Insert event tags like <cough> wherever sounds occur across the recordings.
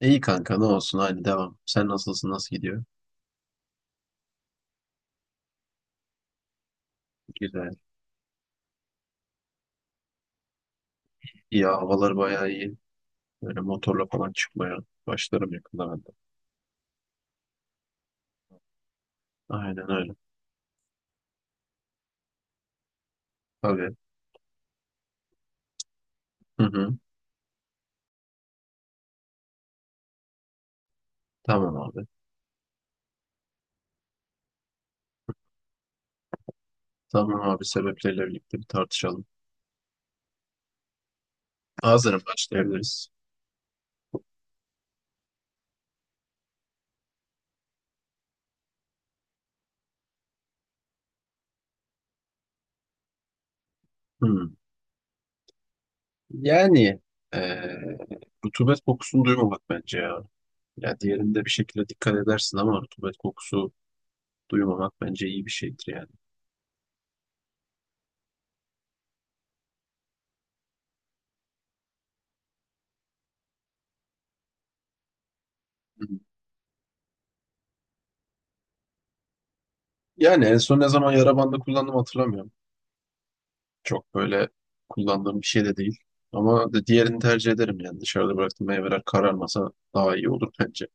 İyi kanka ne olsun hadi devam. Sen nasılsın nasıl gidiyor? Güzel. İyi havalar bayağı iyi. Böyle motorla falan çıkmaya başlarım yakında ben de. Aynen öyle. Tabii. Hı hı. Tamam abi. Tamam abi sebepleriyle birlikte bir tartışalım. Hazırım başlayabiliriz. Hı. Yani eee rutubet kokusunu duymamak bence ya. Ya diğerinde bir şekilde dikkat edersin ama rutubet kokusu duymamak bence iyi bir şeydir yani. Hı. Yani en son ne zaman yara bandı kullandım hatırlamıyorum. Çok böyle kullandığım bir şey de değil. Ama diğerini tercih ederim yani. Dışarıda bıraktığım meyveler kararmasa daha iyi olur bence.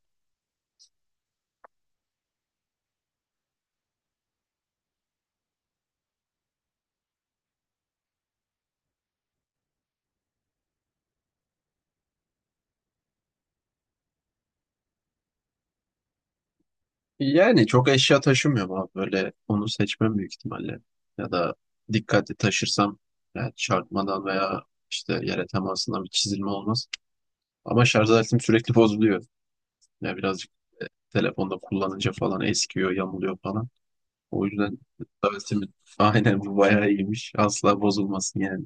Yani çok eşya taşımıyorum abi. Böyle onu seçmem büyük ihtimalle. Ya da dikkatli taşırsam yani çarpmadan veya işte yere temasından bir çizilme olmaz. Ama şarj aletim sürekli bozuluyor. Yani birazcık e, telefonda kullanınca falan eskiyor, yamuluyor falan. O yüzden şarj aletimin <laughs> aynen bu bayağı iyiymiş. Asla bozulmasın yani.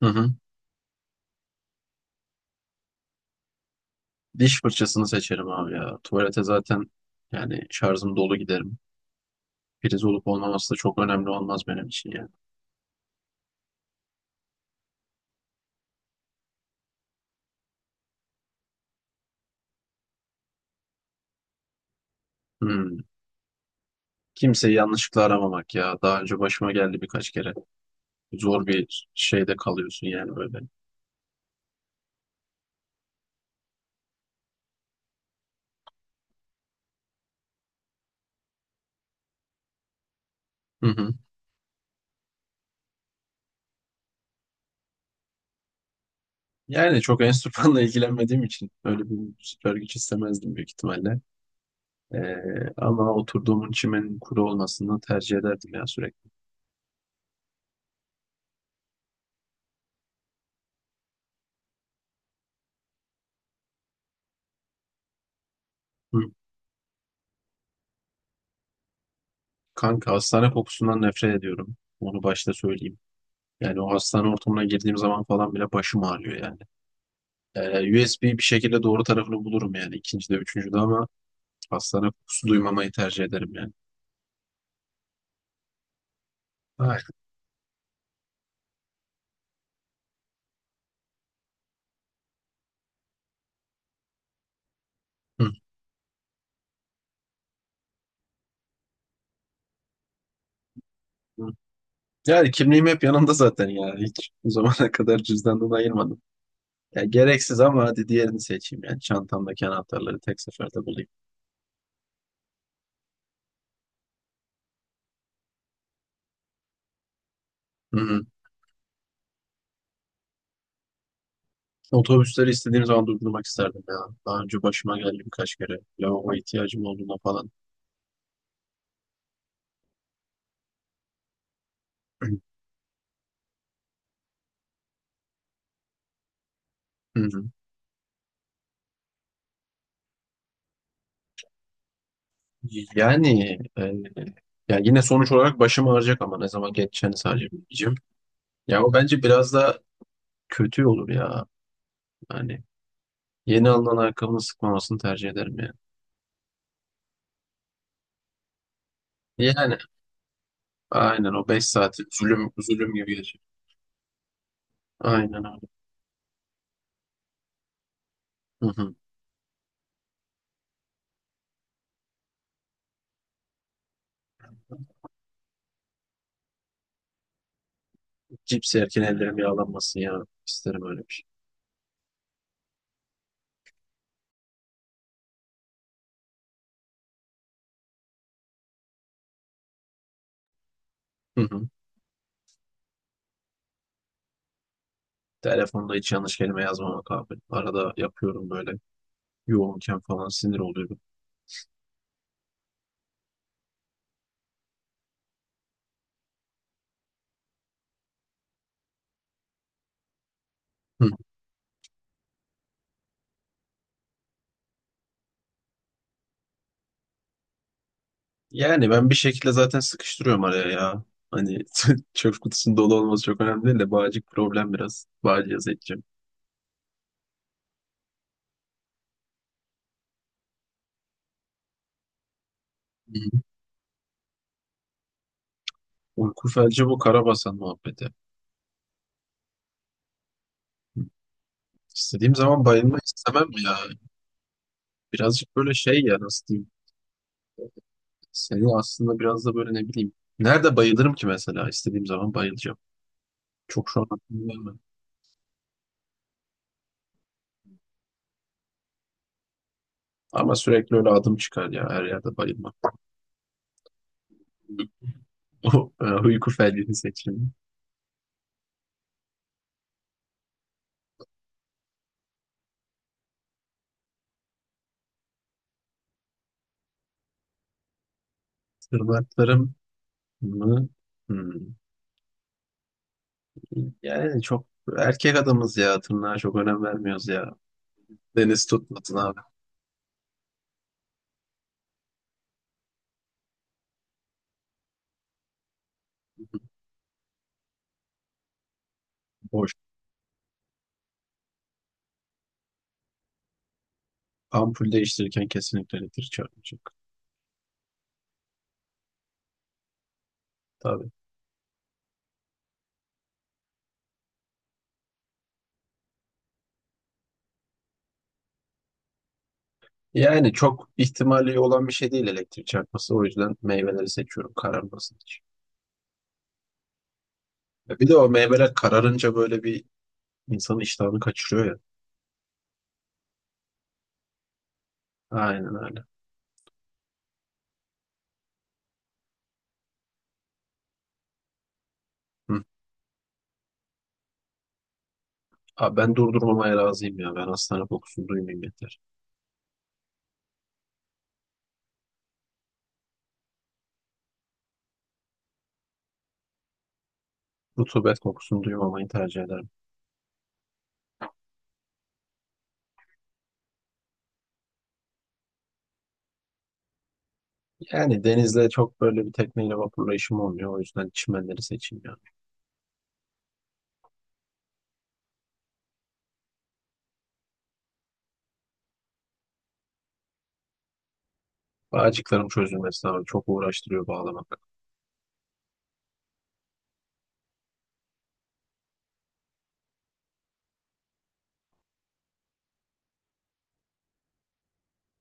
Hı hı. Diş fırçasını seçerim abi ya. Tuvalete zaten yani şarjım dolu giderim. Priz olup olmaması da çok önemli olmaz benim için ya. Hmm. Kimseyi yanlışlıkla aramamak ya. Daha önce başıma geldi birkaç kere. Zor bir şeyde kalıyorsun yani böyle. Hı hı. Yani çok enstrümanla <laughs> ilgilenmediğim için öyle bir süper güç istemezdim büyük ihtimalle. Ama oturduğumun çimenin kuru olmasını tercih ederdim ya sürekli. Hı. Kanka hastane kokusundan nefret ediyorum. Onu başta söyleyeyim. Yani o hastane ortamına girdiğim zaman falan bile başım ağrıyor yani. USB bir şekilde doğru tarafını bulurum yani ikincide, üçüncüde ama hastane kokusu duymamayı tercih ederim yani. Ay. Hı, hı. Yani kimliğim hep yanımda zaten ya. Hiç bu zamana <laughs> kadar cüzdandan ayırmadım. Ya gereksiz ama hadi diğerini seçeyim yani. Çantamdaki anahtarları tek seferde bulayım. Hı hı. Otobüsleri istediğim zaman durdurmak isterdim ya. Daha önce başıma geldi birkaç kere. Lavabo ihtiyacım olduğunda falan. <clears throat> Hı hı. Yani ya yine sonuç olarak başım ağrıyacak ama ne zaman geçeceğini sadece bileceğim. Ya o bence biraz da kötü olur ya. Yani yeni alınan ayakkabının sıkmamasını tercih ederim yani. Yani aynen o 5 saati zulüm zulüm gibi geçer. Aynen öyle. Hı hı. Cips yerken ellerim yağlanmasın ya. İsterim öyle bir şey. Hı hı. Telefonda hiç yanlış kelime yazmamak abi. Arada yapıyorum böyle yoğunken falan sinir oluyorum. Yani ben bir şekilde zaten sıkıştırıyorum araya ya. Hani <laughs> çöp kutusunun dolu olması çok önemli değil de bağcık problem biraz. Bağcıya yaz edeceğim. Hı. Uyku felci bu Karabasan muhabbeti. İstediğim zaman bayılmak istemem ya. Birazcık böyle şey ya nasıl diyeyim. Seni aslında biraz da böyle ne bileyim. Nerede bayılırım ki mesela istediğim zaman bayılacağım. Çok şu an aklıma gelmedi. Ama sürekli öyle adım çıkar ya her yerde bayılmak. <laughs> Uyku felcini seçeyim. Tırnaklarım mı? Hmm. Yani çok erkek adamız ya. Tırnağa çok önem vermiyoruz ya. Deniz tutmasın abi. Boş. Ampul değiştirirken kesinlikle elektrik çarpmayacak. Tabii. Yani çok ihtimali olan bir şey değil elektrik çarpması. O yüzden meyveleri seçiyorum kararmasın için. E bir de o meyveler kararınca böyle bir insanın iştahını kaçırıyor ya. Aynen öyle. Hı. Abi ben durdurmamaya razıyım ya. Ben hastane kokusunu duymayayım yeter. Rutubet kokusunu duymamayı tercih ederim. Yani denizde çok böyle bir tekneyle vapurla işim olmuyor. O yüzden çimenleri seçeyim ya. Bağcıkların çözülmesi abi çok uğraştırıyor bağlamak.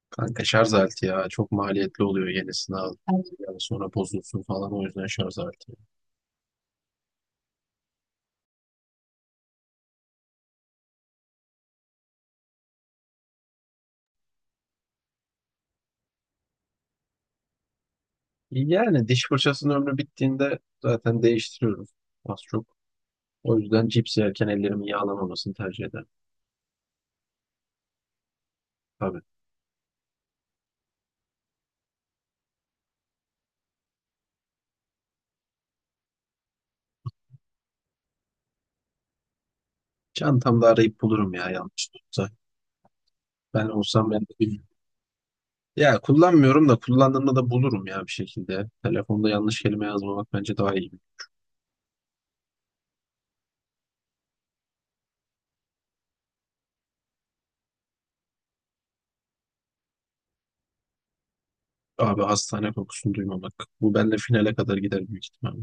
Kanka şarj aleti ya çok maliyetli oluyor yenisini al. Evet. Yani sonra bozulsun falan o yüzden şarj aleti. Yani diş fırçasının ömrü bittiğinde zaten değiştiriyoruz az çok. O yüzden cips yerken ellerimin yağlamamasını tercih ederim. Tabii. Çantamda arayıp bulurum ya yanlışlıkla. Ben olsam ben de bilmiyorum. Ya kullanmıyorum da kullandığımda da bulurum ya bir şekilde. Telefonda yanlış kelime yazmamak bence daha iyi. Abi hastane kokusunu duymamak. Bu benimle finale kadar gider büyük ihtimalle.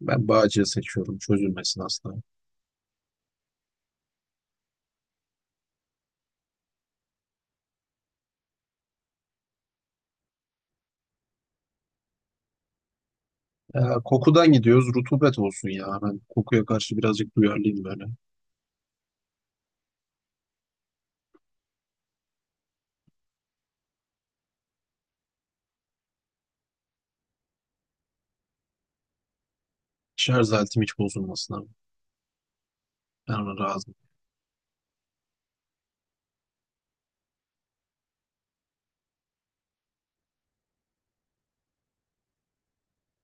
Ben Bağcı'yı seçiyorum. Çözülmesin asla. Ee, Kokudan gidiyoruz. Rutubet olsun ya. Ben kokuya karşı birazcık duyarlıyım böyle. Şarj aletim hiç bozulmasın abi. Ben ona razım.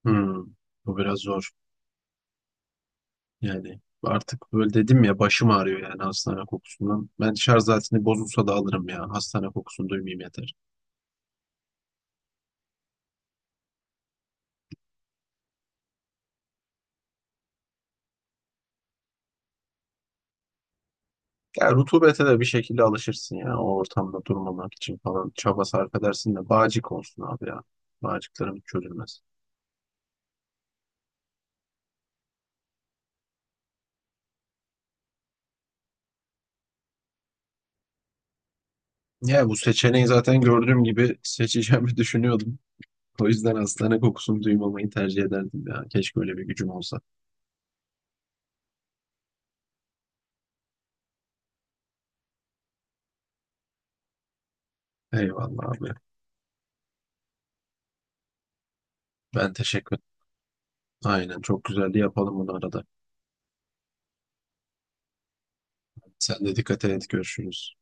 Hmm, bu biraz zor. Yani artık böyle dedim ya başım ağrıyor yani hastane kokusundan. Ben şarj aletini bozulsa da alırım ya. Hastane kokusunu duymayayım yeter. Ya rutubete de bir şekilde alışırsın ya. O ortamda durmamak için falan çaba sarf edersin de bağcık olsun abi ya. Bağcıklarım çözülmez. Ya bu seçeneği zaten gördüğüm gibi seçeceğimi <laughs> düşünüyordum. O yüzden hastane kokusunu duymamayı tercih ederdim ya. Keşke öyle bir gücüm olsa. Eyvallah abi. Ben teşekkür aynen çok güzeldi yapalım bunu arada. Sen de dikkat et görüşürüz.